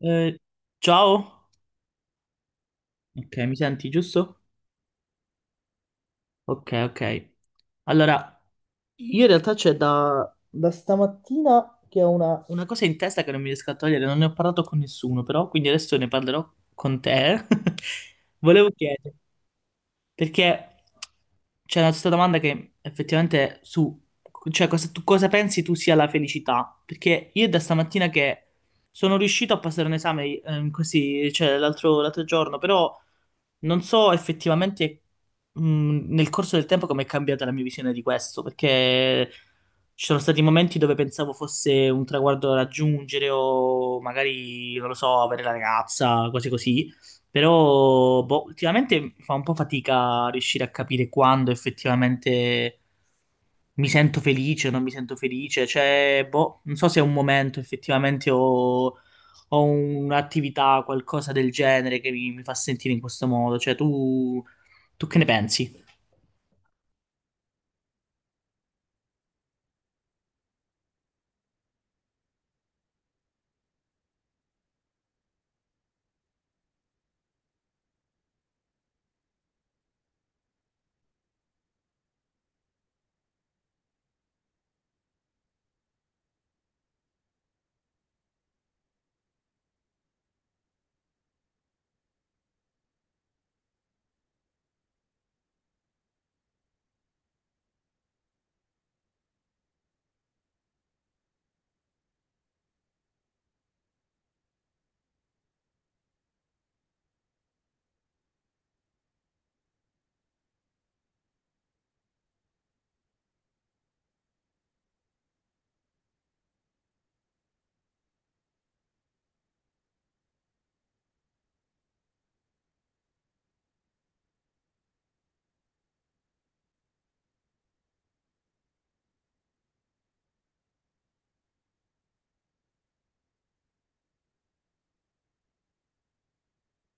Eh, ciao, ok, mi senti giusto? Ok, ok. Allora, io in realtà c'è da stamattina che ho una cosa in testa che non mi riesco a togliere, non ne ho parlato con nessuno, però quindi adesso ne parlerò con te. Volevo chiederti. Perché c'è una questa domanda che effettivamente su, cioè cosa, tu cosa pensi tu sia la felicità? Perché io da stamattina che sono riuscito a passare un esame così, cioè l'altro giorno, però non so effettivamente nel corso del tempo come è cambiata la mia visione di questo, perché ci sono stati momenti dove pensavo fosse un traguardo da raggiungere o magari, non lo so, avere la ragazza, cose così. Però boh, ultimamente fa un po' fatica a riuscire a capire quando effettivamente mi sento felice o non mi sento felice. Cioè, boh, non so se è un momento effettivamente o un'attività, qualcosa del genere che mi fa sentire in questo modo. Cioè, tu che ne pensi?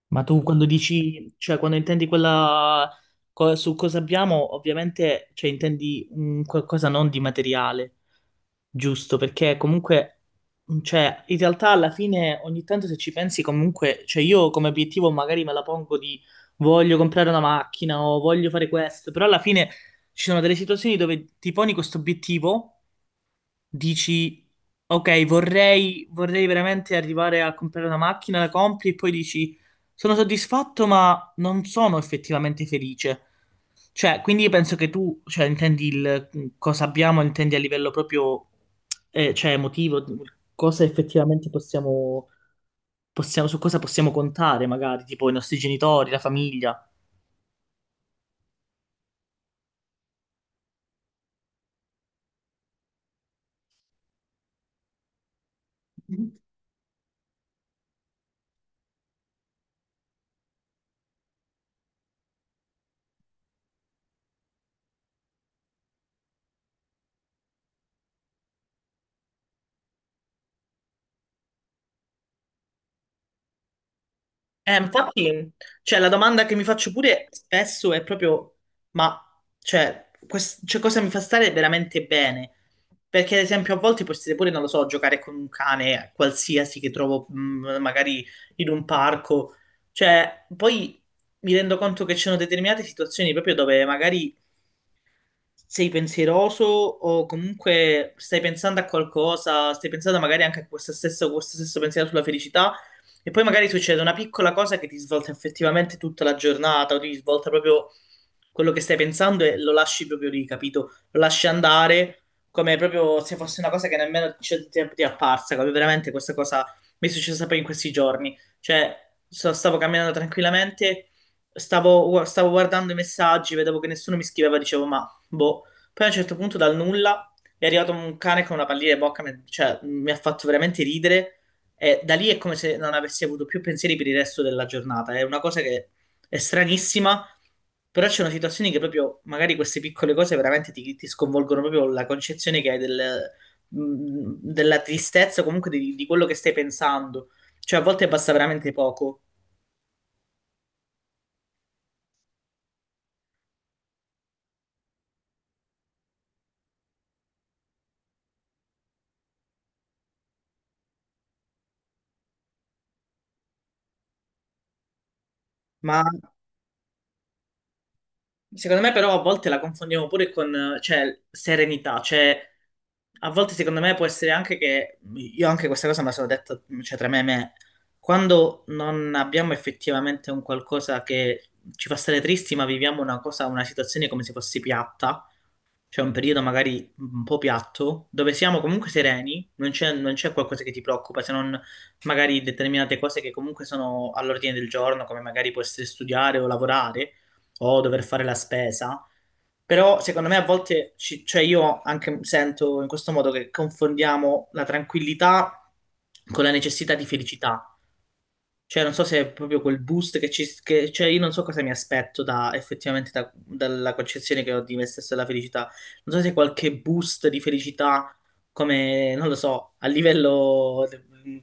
Ma tu quando dici, cioè quando intendi quella su cosa abbiamo, ovviamente cioè, intendi un qualcosa non di materiale, giusto? Perché comunque, cioè, in realtà alla fine ogni tanto se ci pensi comunque, cioè io come obiettivo magari me la pongo di voglio comprare una macchina o voglio fare questo, però alla fine ci sono delle situazioni dove ti poni questo obiettivo dici, ok, vorrei veramente arrivare a comprare una macchina, la compri e poi dici, sono soddisfatto ma non sono effettivamente felice. Cioè, quindi io penso che tu, cioè, intendi il cosa abbiamo, intendi a livello proprio, cioè, emotivo, cosa effettivamente su cosa possiamo contare, magari, tipo i nostri genitori, la famiglia. Infatti, cioè, la domanda che mi faccio pure spesso è proprio, ma cioè, cioè, cosa mi fa stare veramente bene? Perché, ad esempio, a volte potete pure, non lo so, giocare con un cane qualsiasi che trovo magari in un parco. Cioè, poi mi rendo conto che ci sono determinate situazioni proprio dove magari sei pensieroso o comunque stai pensando a qualcosa, stai pensando magari anche a questo stesso pensiero sulla felicità e poi magari succede una piccola cosa che ti svolta effettivamente tutta la giornata o ti svolta proprio quello che stai pensando e lo lasci proprio lì, capito? Lo lasci andare come proprio se fosse una cosa che nemmeno c'è tempo ti è apparsa, come veramente questa cosa mi è successa poi in questi giorni. Cioè, stavo camminando tranquillamente, stavo guardando i messaggi, vedevo che nessuno mi scriveva, dicevo, ma boh. Poi a un certo punto dal nulla è arrivato un cane con una pallina in bocca, cioè mi ha fatto veramente ridere e da lì è come se non avessi avuto più pensieri per il resto della giornata. È una cosa che è stranissima, però c'è una situazione che proprio magari queste piccole cose veramente ti sconvolgono proprio la concezione che hai della tristezza, comunque di quello che stai pensando. Cioè a volte basta veramente poco, ma secondo me però a volte la confondiamo pure con, cioè, serenità, cioè a volte secondo me può essere anche che, io anche questa cosa me la sono detta, cioè tra me e me, quando non abbiamo effettivamente un qualcosa che ci fa stare tristi, ma viviamo una cosa, una situazione come se fosse piatta, c'è un periodo magari un po' piatto, dove siamo comunque sereni, non c'è qualcosa che ti preoccupa, se non magari determinate cose che comunque sono all'ordine del giorno, come magari può essere studiare o lavorare o dover fare la spesa. Però secondo me a volte, cioè io anche sento in questo modo che confondiamo la tranquillità con la necessità di felicità. Cioè, non so se è proprio quel boost che ci... Che, cioè, io non so cosa mi aspetto effettivamente dalla concezione che ho di me stesso e della felicità. Non so se qualche boost di felicità, come, non lo so, a livello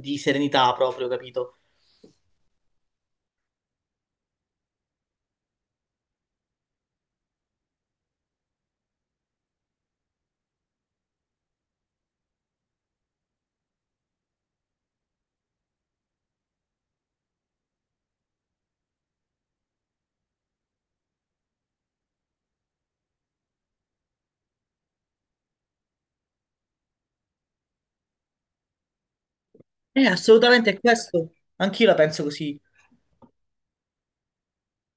di serenità proprio, capito? Assolutamente è questo. Anch'io la penso così.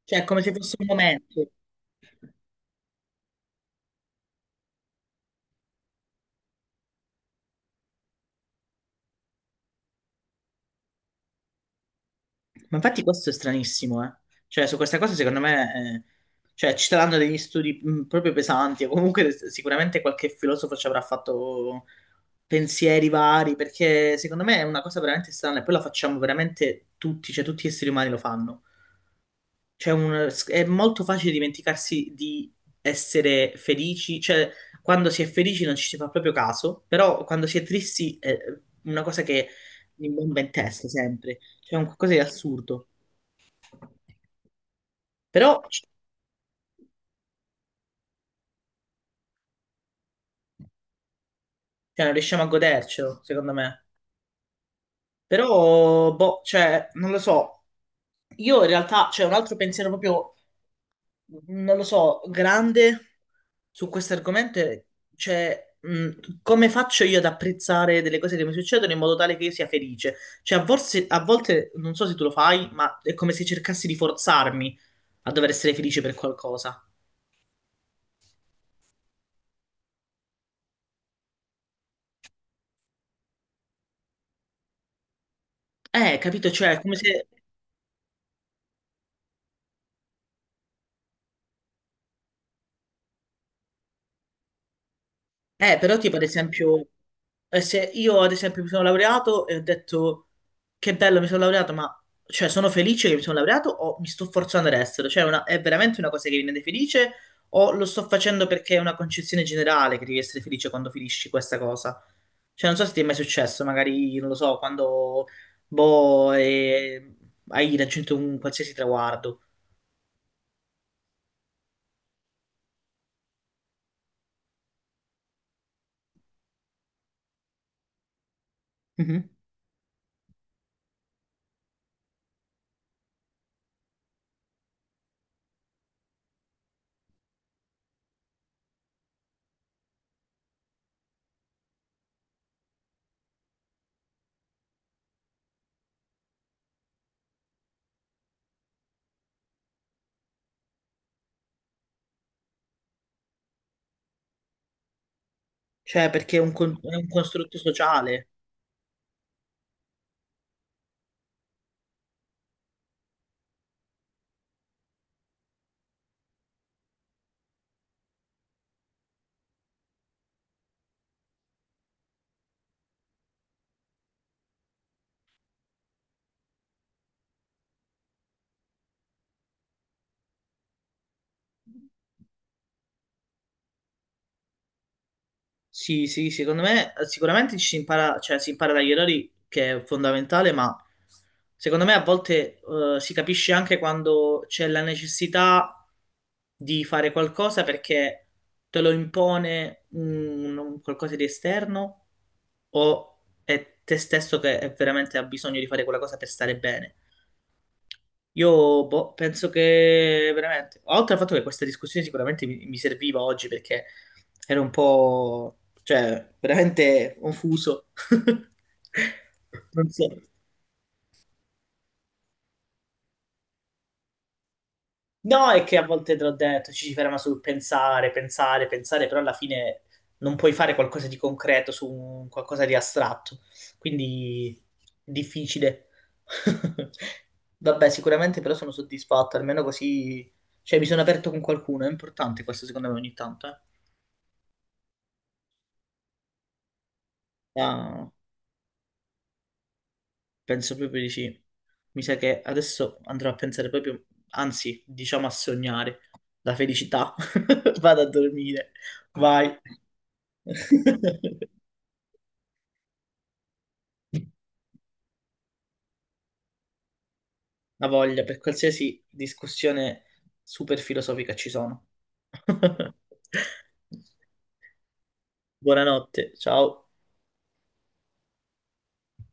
Cioè, è come se fosse un momento. Ma infatti questo è stranissimo, eh. Cioè, su queste cose secondo me, cioè, ci saranno degli studi proprio pesanti, o comunque sicuramente qualche filosofo ci avrà fatto pensieri vari, perché secondo me è una cosa veramente strana e poi la facciamo veramente tutti, cioè tutti gli esseri umani lo fanno. Cioè, è molto facile dimenticarsi di essere felici, cioè, quando si è felici non ci si fa proprio caso, però quando si è tristi è una cosa che mi bomba in testa sempre, cioè è un qualcosa di assurdo. Però, cioè, non riusciamo a godercelo, secondo me. Però, boh, cioè, non lo so. Io in realtà, c'è un altro pensiero proprio, non lo so, grande su questo argomento è, cioè, come faccio io ad apprezzare delle cose che mi succedono in modo tale che io sia felice? Cioè, a volte, non so se tu lo fai, ma è come se cercassi di forzarmi a dover essere felice per qualcosa. Capito? Cioè, è come se... però tipo ad esempio, se io ad esempio mi sono laureato e ho detto che bello mi sono laureato, ma cioè sono felice che mi sono laureato o mi sto forzando ad essere? Cioè è una- è veramente una cosa che mi rende felice o lo sto facendo perché è una concezione generale che devi essere felice quando finisci questa cosa? Cioè non so se ti è mai successo, magari, non lo so, quando boh, hai raggiunto un qualsiasi traguardo. Mhm. Cioè perché è un, è un costrutto sociale. Sì, sì, secondo me sicuramente ci si impara, cioè, si impara dagli errori, che è fondamentale, ma secondo me a volte si capisce anche quando c'è la necessità di fare qualcosa perché te lo impone un qualcosa di esterno o è te stesso che è veramente ha bisogno di fare quella cosa per stare bene. Io boh, penso che veramente, oltre al fatto che questa discussione sicuramente mi serviva oggi perché ero un po', cioè, veramente confuso. Non so. No, è che a volte te l'ho detto, ci si ferma sul pensare, pensare, pensare, però alla fine non puoi fare qualcosa di concreto su qualcosa di astratto, quindi è difficile. Vabbè, sicuramente però sono soddisfatto, almeno così, cioè mi sono aperto con qualcuno, è importante questo secondo me ogni tanto, eh. Penso proprio di sì. Mi sa che adesso andrò a pensare proprio, anzi, diciamo a sognare la felicità. Vado a dormire. Vai. La voglia per qualsiasi discussione super filosofica ci sono. Buonanotte, ciao.